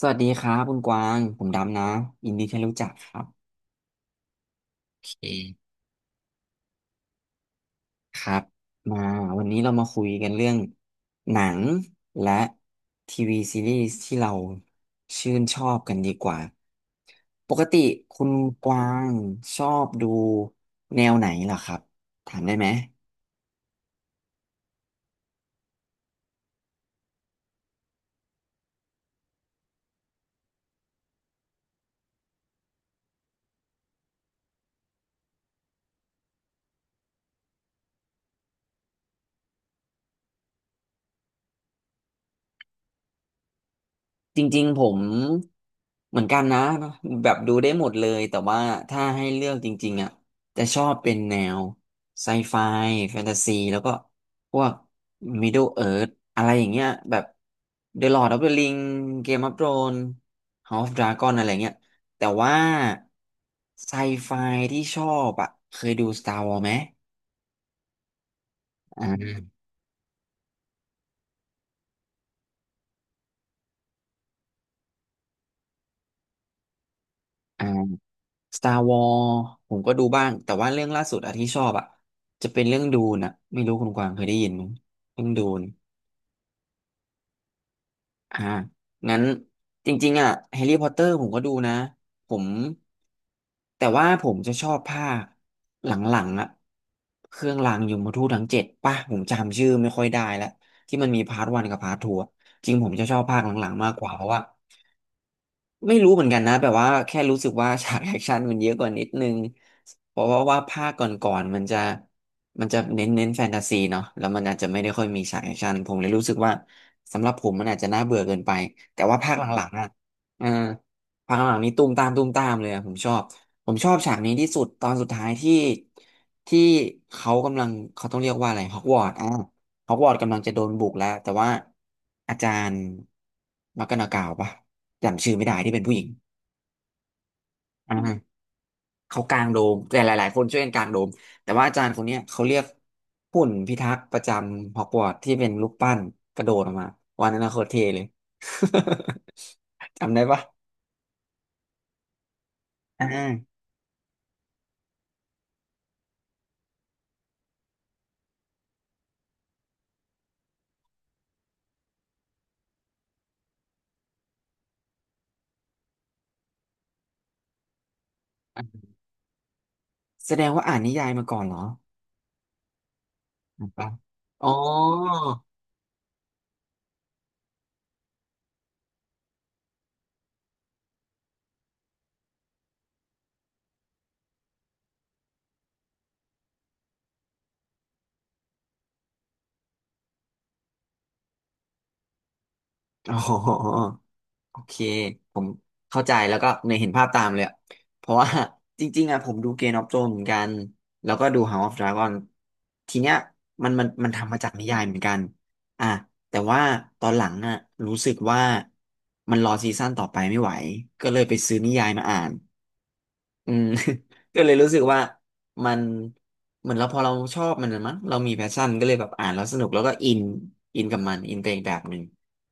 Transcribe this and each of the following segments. สวัสดีครับคุณกวางผมดำนะยินดีที่รู้จักครับโอเคครับมาวันนี้เรามาคุยกันเรื่องหนังและทีวีซีรีส์ที่เราชื่นชอบกันดีกว่าปกติคุณกวางชอบดูแนวไหนเหรอครับถามได้ไหม จริงๆผมเหมือนกันนะแบบดูได้หมดเลยแต่ว่าถ้าให้เลือกจริงๆอ่ะจะชอบเป็นแนวไซไฟแฟนตาซีแล้วก็พวก Middle Earth อะไรอย่างเงี้ยแบบ The Lord of the Ring Game of Thrones House of Dragon อะไรเงี้ยแต่ว่าไซไฟที่ชอบอ่ะเคยดู Star Wars ไหมอ่า Star Wars ผมก็ดูบ้าง แต่ว่าเรื่องล่าสุดอะที่ชอบอะจะเป็นเรื่องดูนอะไม่รู้คุณกวางเคยได้ยินไหมเรื่องดูนอ่างั้นจริงๆอะแฮร์รี่พอตเตอร์ผมก็ดูนะผมแต่ว่าผมจะชอบภาคหลังๆอะเครื่องรางยมทูตทั้งเจ็ดป่ะผมจำชื่อไม่ค่อยได้แล้วที่มันมีพาร์ทวันกับพาร์ททูจริงผมจะชอบภาคหลังๆมากกว่าเพราะว่า ไม่รู้เหมือนกันนะแบบว่าแค่รู้สึกว่าฉากแอคชั่นมันเยอะกว่านิดนึงเพราะว่าภาคก่อนๆมันจะมันจะเน้นแฟนตาซีเนาะแล้วมันอาจจะไม่ได้ค่อยมีฉากแอคชั่นผมเลยรู้สึกว่าสำหรับผมมันอาจจะน่าเบื่อเกินไปแต่ว่าภาคหลังๆอ่ะเออภาคหลังๆนี้ตุ้มตามตุ้มตามเลยอะผมชอบฉากนี้ที่สุดตอนสุดท้ายที่ที่เขากำลังเขาต้องเรียกว่าอะไรฮอกวอตส์อ่ะฮอกวอตส์กำลังจะโดนบุกแล้วแต่ว่าอาจารย์มักกะนากาวปะ จำชื่อไม่ได้ที่เป็นผู้หญิงอ่าเขากางโดม แต่หลายๆคนช่วยกันกางโดม แต่ว่าอาจารย์คนเนี้ยเขาเรียกหุ่นพิทักษ์ประจำฮอกวอตส์ที่เป็นรูปปั้นกระโดดออกมาวันนั้นน่ะโคตรเท่เลย จำได้ปะอ่าแสดงว่าอ่านนิยายมาก่อนเหรออ่านปะอ๋ออ๋อ โอเคผมเข้าใจแล้วก็ในยเห็นภาพตามเลยอะเพราะว่า จริงๆอะผมดู Game of Thrones เหมือนกันแล้วก็ดู House of Dragon ทีเนี้ยมันทำมาจากนิยายเหมือนกันอ่ะแต่ว่าตอนหลังอะรู้สึกว่ามันรอซีซั่นต่อไปไม่ไหวก็เลยไปซื้อนิยายมาอ่าน อืม ก็เลยรู้สึกว่ามันเหมือนเราพอเราชอบมันนะมั้งเรามีแพชชั่นก็เลยแบบอ่านแล้วสนุกแล้วก็อินกับมันอินไปอีกแบบหนึ่ง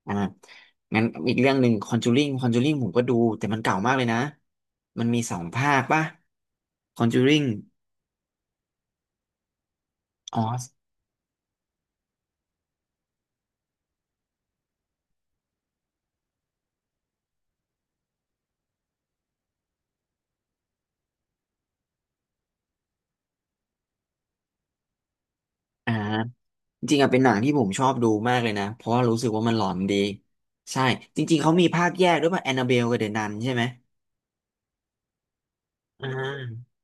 อ่างั้นอีกเรื่องหนึ่งคอนจูริงผมก็ดูแต่มันเก่ามากเลยนะมันมีสองภาคป่ะคอนจูริงออสอ่าจริงๆอะเป็นหนังที่ผมชอบดูมากเลยนะเพราะว่ารู้สึกว่ามันหลอนดีใช่จริงๆเขามีภาคแยกด้วยป่ะแอนนาเบลกับเดอะนันใช่ไหมอ่า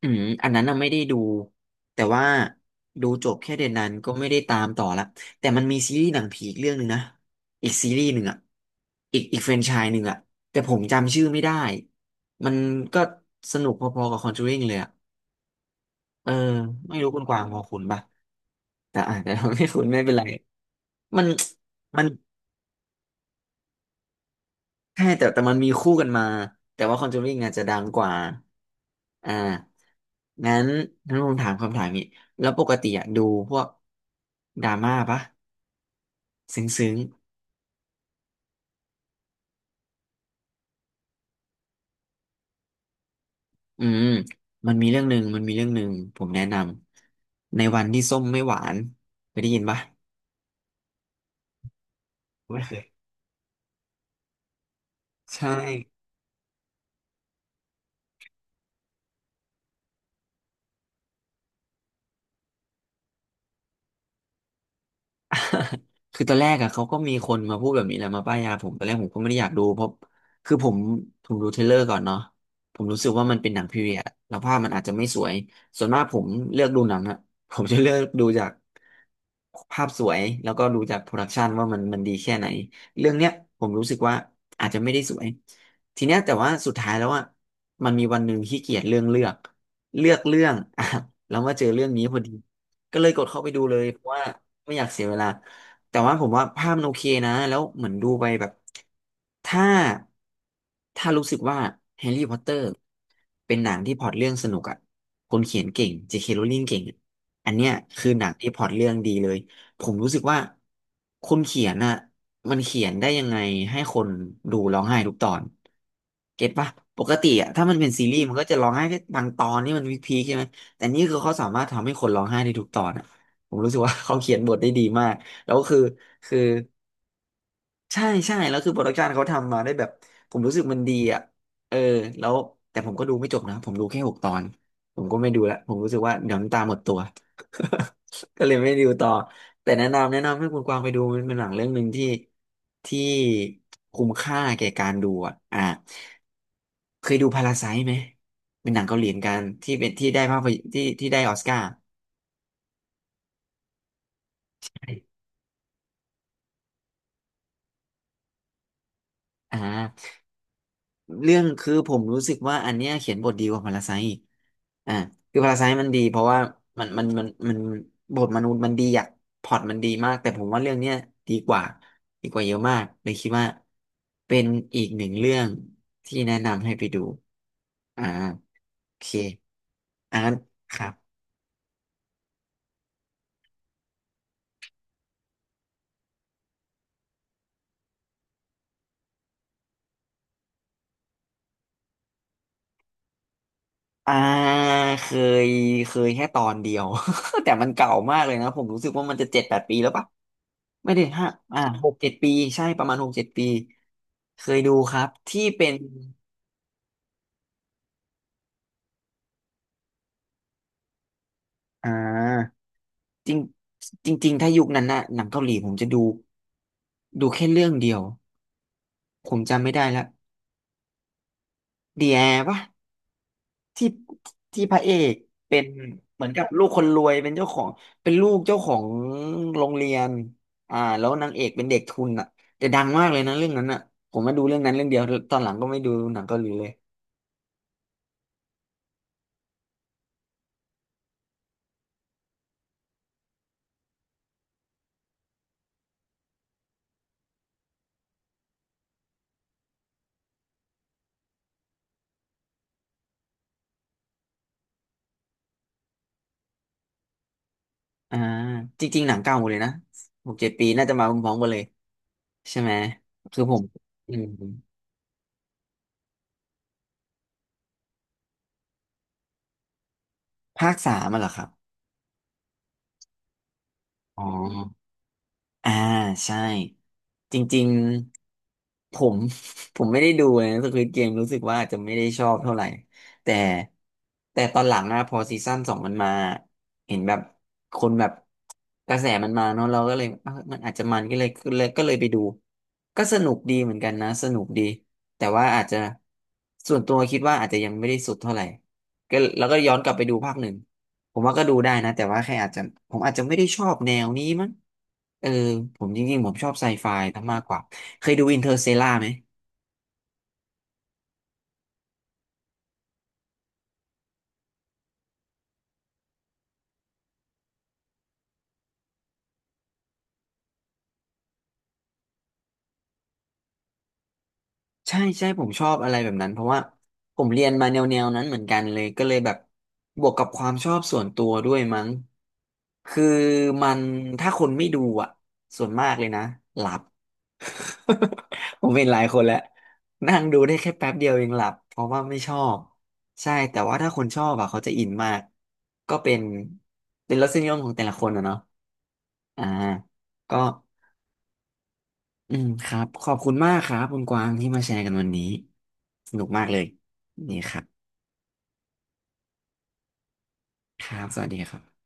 อันนั้นน่ะไม่ได้ดูแต่ว่าดูจบแค่เดือนนั้นก็ไม่ได้ตามต่อละแต่มันมีซีรีส์หนังผีอีกเรื่องหนึ่งนะอีกซีรีส์หนึ่งอ่ะอีกแฟรนไชส์หนึ่งอ่ะแต่ผมจำชื่อไม่ได้มันก็สนุกพอๆกับ Conjuring เลยอ่ะเออไม่รู้คุณกวางพอคุณปะแต่อาจจะแต่ เราไม่คุณไม่เป็นไรมันมัน ใช่แต่มันมีคู่กันมาแต่ว่า Conjuring อาจจะดังกว่าอ่างั้นผมถามคำถามนี้แล้วปกติอะดูพวกดราม่าปะซึ้งซึ้งอืมมันมีเรื่องหนึ่งมันมีเรื่องหนึ่งผมแนะนำในวันที่ส้มไม่หวานเคยได้ยินปะไม่เคยใช่ คือตอนแรกอะเขาก็มีคนมาพูดแบบนี้แหละมาป้ายยาผมตอนแรกผมก็ไม่ได้อยากดูเพราะคือผมดูเทรลเลอร์ก่อนเนาะผมรู้สึกว่ามันเป็นหนังพีเรียดแล้วภาพมันอาจจะไม่สวยส่วนมากผมเลือกดูหนังอะ ผมจะเลือกดูจากภาพสวยแล้วก็ดูจากโปรดักชันว่ามันดีแค่ไหนเรื่องเนี้ยผมรู้สึกว่าอาจจะไม่ได้สวยทีเนี้ยแต่ว่าสุดท้ายแล้วอะมันมีวันหนึ่งขี้เกียจเรื่องเลือกเรื่อง อ่ะแล้วมาเจอเรื่องนี้พอดี ก็เลยกดเข้าไปดูเลยเพราะว่าไม่อยากเสียเวลาแต่ว่าผมว่าภาพมันโอเคนะแล้วเหมือนดูไปแบบถ้าถ้ารู้สึกว่าแฮร์รี่พอตเตอร์เป็นหนังที่พล็อตเรื่องสนุกอ่ะคนเขียนเก่ง J.K. Rowling เก่งอะอันเนี้ยคือหนังที่พล็อตเรื่องดีเลยผมรู้สึกว่าคนเขียนอ่ะมันเขียนได้ยังไงให้คนดูร้องไห้ทุกตอนเก็ตปะปกติอ่ะถ้ามันเป็นซีรีส์มันก็จะร้องไห้แค่บางตอนนี่มันวิกพีคใช่ไหม แต่นี่คือเขาสามารถทำให้คนร้องไห้ได้ทุกตอนอ่ะผมรู้สึกว่า เขาเขียนบทได้ดีมากแล้วคือคือใช่ใช่แล้วคือโปรดักชันเขาทำมาได้แบบผมรู้สึกมันดีอ่ะเออแล้วแต่ผมก็ดูไม่จบนะผมดูแค่6 ตอนผมก็ไม่ดูละผมรู้สึกว่าเดี๋ยวน้ำตาหมดตัว ก็เลยไม่ดูต่อแต่แนะนำให้คุณกวางไปดูมันเป็นหนังเรื่องหนึ่งที่ที่คุ้มค่าแก่การดูอ่ะอ่ะเคยดูพาราไซ์ไหมเป็นหนังเกาหลีเหมือนกันที่เป็นที่ได้ภาพยที่ได้ออสการ์ อ่าเรื่องคือผมรู้สึกว่าอันเนี้ยเขียนบทดีกว่าพาราไซต์อีกอ่าคือพาราไซต์มันดีเพราะว่ามันบทมนุษย์มันดีอะพล็อตมันดีมากแต่ผมว่าเรื่องเนี้ยดีกว่าดีกว่าเยอะมากเลยคิดว่าเป็นอีกหนึ่งเรื่องที่แนะนำให้ไปดูอ่าโอเคอ่านครับอ่าเคยเคยแค่ตอนเดียว แต่มันเก่ามากเลยนะผมรู้สึกว่ามันจะ7-8 ปีแล้วปะ ไม่ได้5อ่าหกเจ็ดปีใช่ประมาณหกเจ็ดปีเคยดูครับที่เป็นอ่าจริงจริงๆถ้ายุคนั้นน่ะหนังเกาหลีผมจะดูดูแค่เรื่องเดียวผมจำไม่ได้ละเดียปะที่พระเอกเป็นเหมือนกับลูกคนรวยเป็นเจ้าของเป็นลูกเจ้าของโรงเรียนอ่าแล้วนางเอกเป็นเด็กทุนอ่ะแต่ดังมากเลยนะเรื่องนั้นอ่ะผมมาดูเรื่องนั้นเรื่องเดียวตอนหลังก็ไม่ดูหนังเกาหลีเลย อ่าจริงๆหนังเก่าหมดเลยนะหกเจ็ดปีน่าจะมาพร้อมๆกันเลยใช่ไหมคือผมอืมภาคสามอะเหรอครับอ๋อ อ่าใช่จริงๆผม ผมไม่ได้ดูนะสควิดเกมรู้สึกว่าอาจจะไม่ได้ชอบเท่าไหร่แต่แต่ตอนหลังอะพอซีซั่นสองมันมาเห็นแบบคนแบบกระแสมันมาเนอะเราก็เลยเอ้ามันอาจจะมันก็เลยไปดูก็สนุกดีเหมือนกันนะสนุกดีแต่ว่าอาจจะส่วนตัวคิดว่าอาจจะยังไม่ได้สุดเท่าไหร่ก็แล้วก็ย้อนกลับไปดูภาคหนึ่ง ผมว่าก็ดูได้นะแต่ว่าแค่อาจจะผมอาจจะไม่ได้ชอบแนวนี้มั้งเออผมจริงๆผมชอบไซไฟซะมากกว่าเคยดูอินเตอร์ l เ a ล่าไหม ใช่ใช่ผมชอบอะไรแบบนั้นเพราะว่าผมเรียนมาแนวนั้นเหมือนกันเลยก็เลยแบบบวกกับความชอบส่วนตัวด้วยมั้งคือมันถ้าคนไม่ดูอ่ะส่วนมากเลยนะหลับ ผมเห็นหลายคนแล้วนั่งดูได้แค่แป๊บเดียวเองหลับเพราะว่าไม่ชอบใช่แต่ว่าถ้าคนชอบอ่ะเขาจะอินมากก็เป็นเป็นรสนิยมของแต่ละคนอะเนาะอ่าก็ อืมครับขอบคุณมากครับคุณกวางที่มาแชร์กันวันนี้สนุกมากเลยนี่ครับครับสวัสดีครับ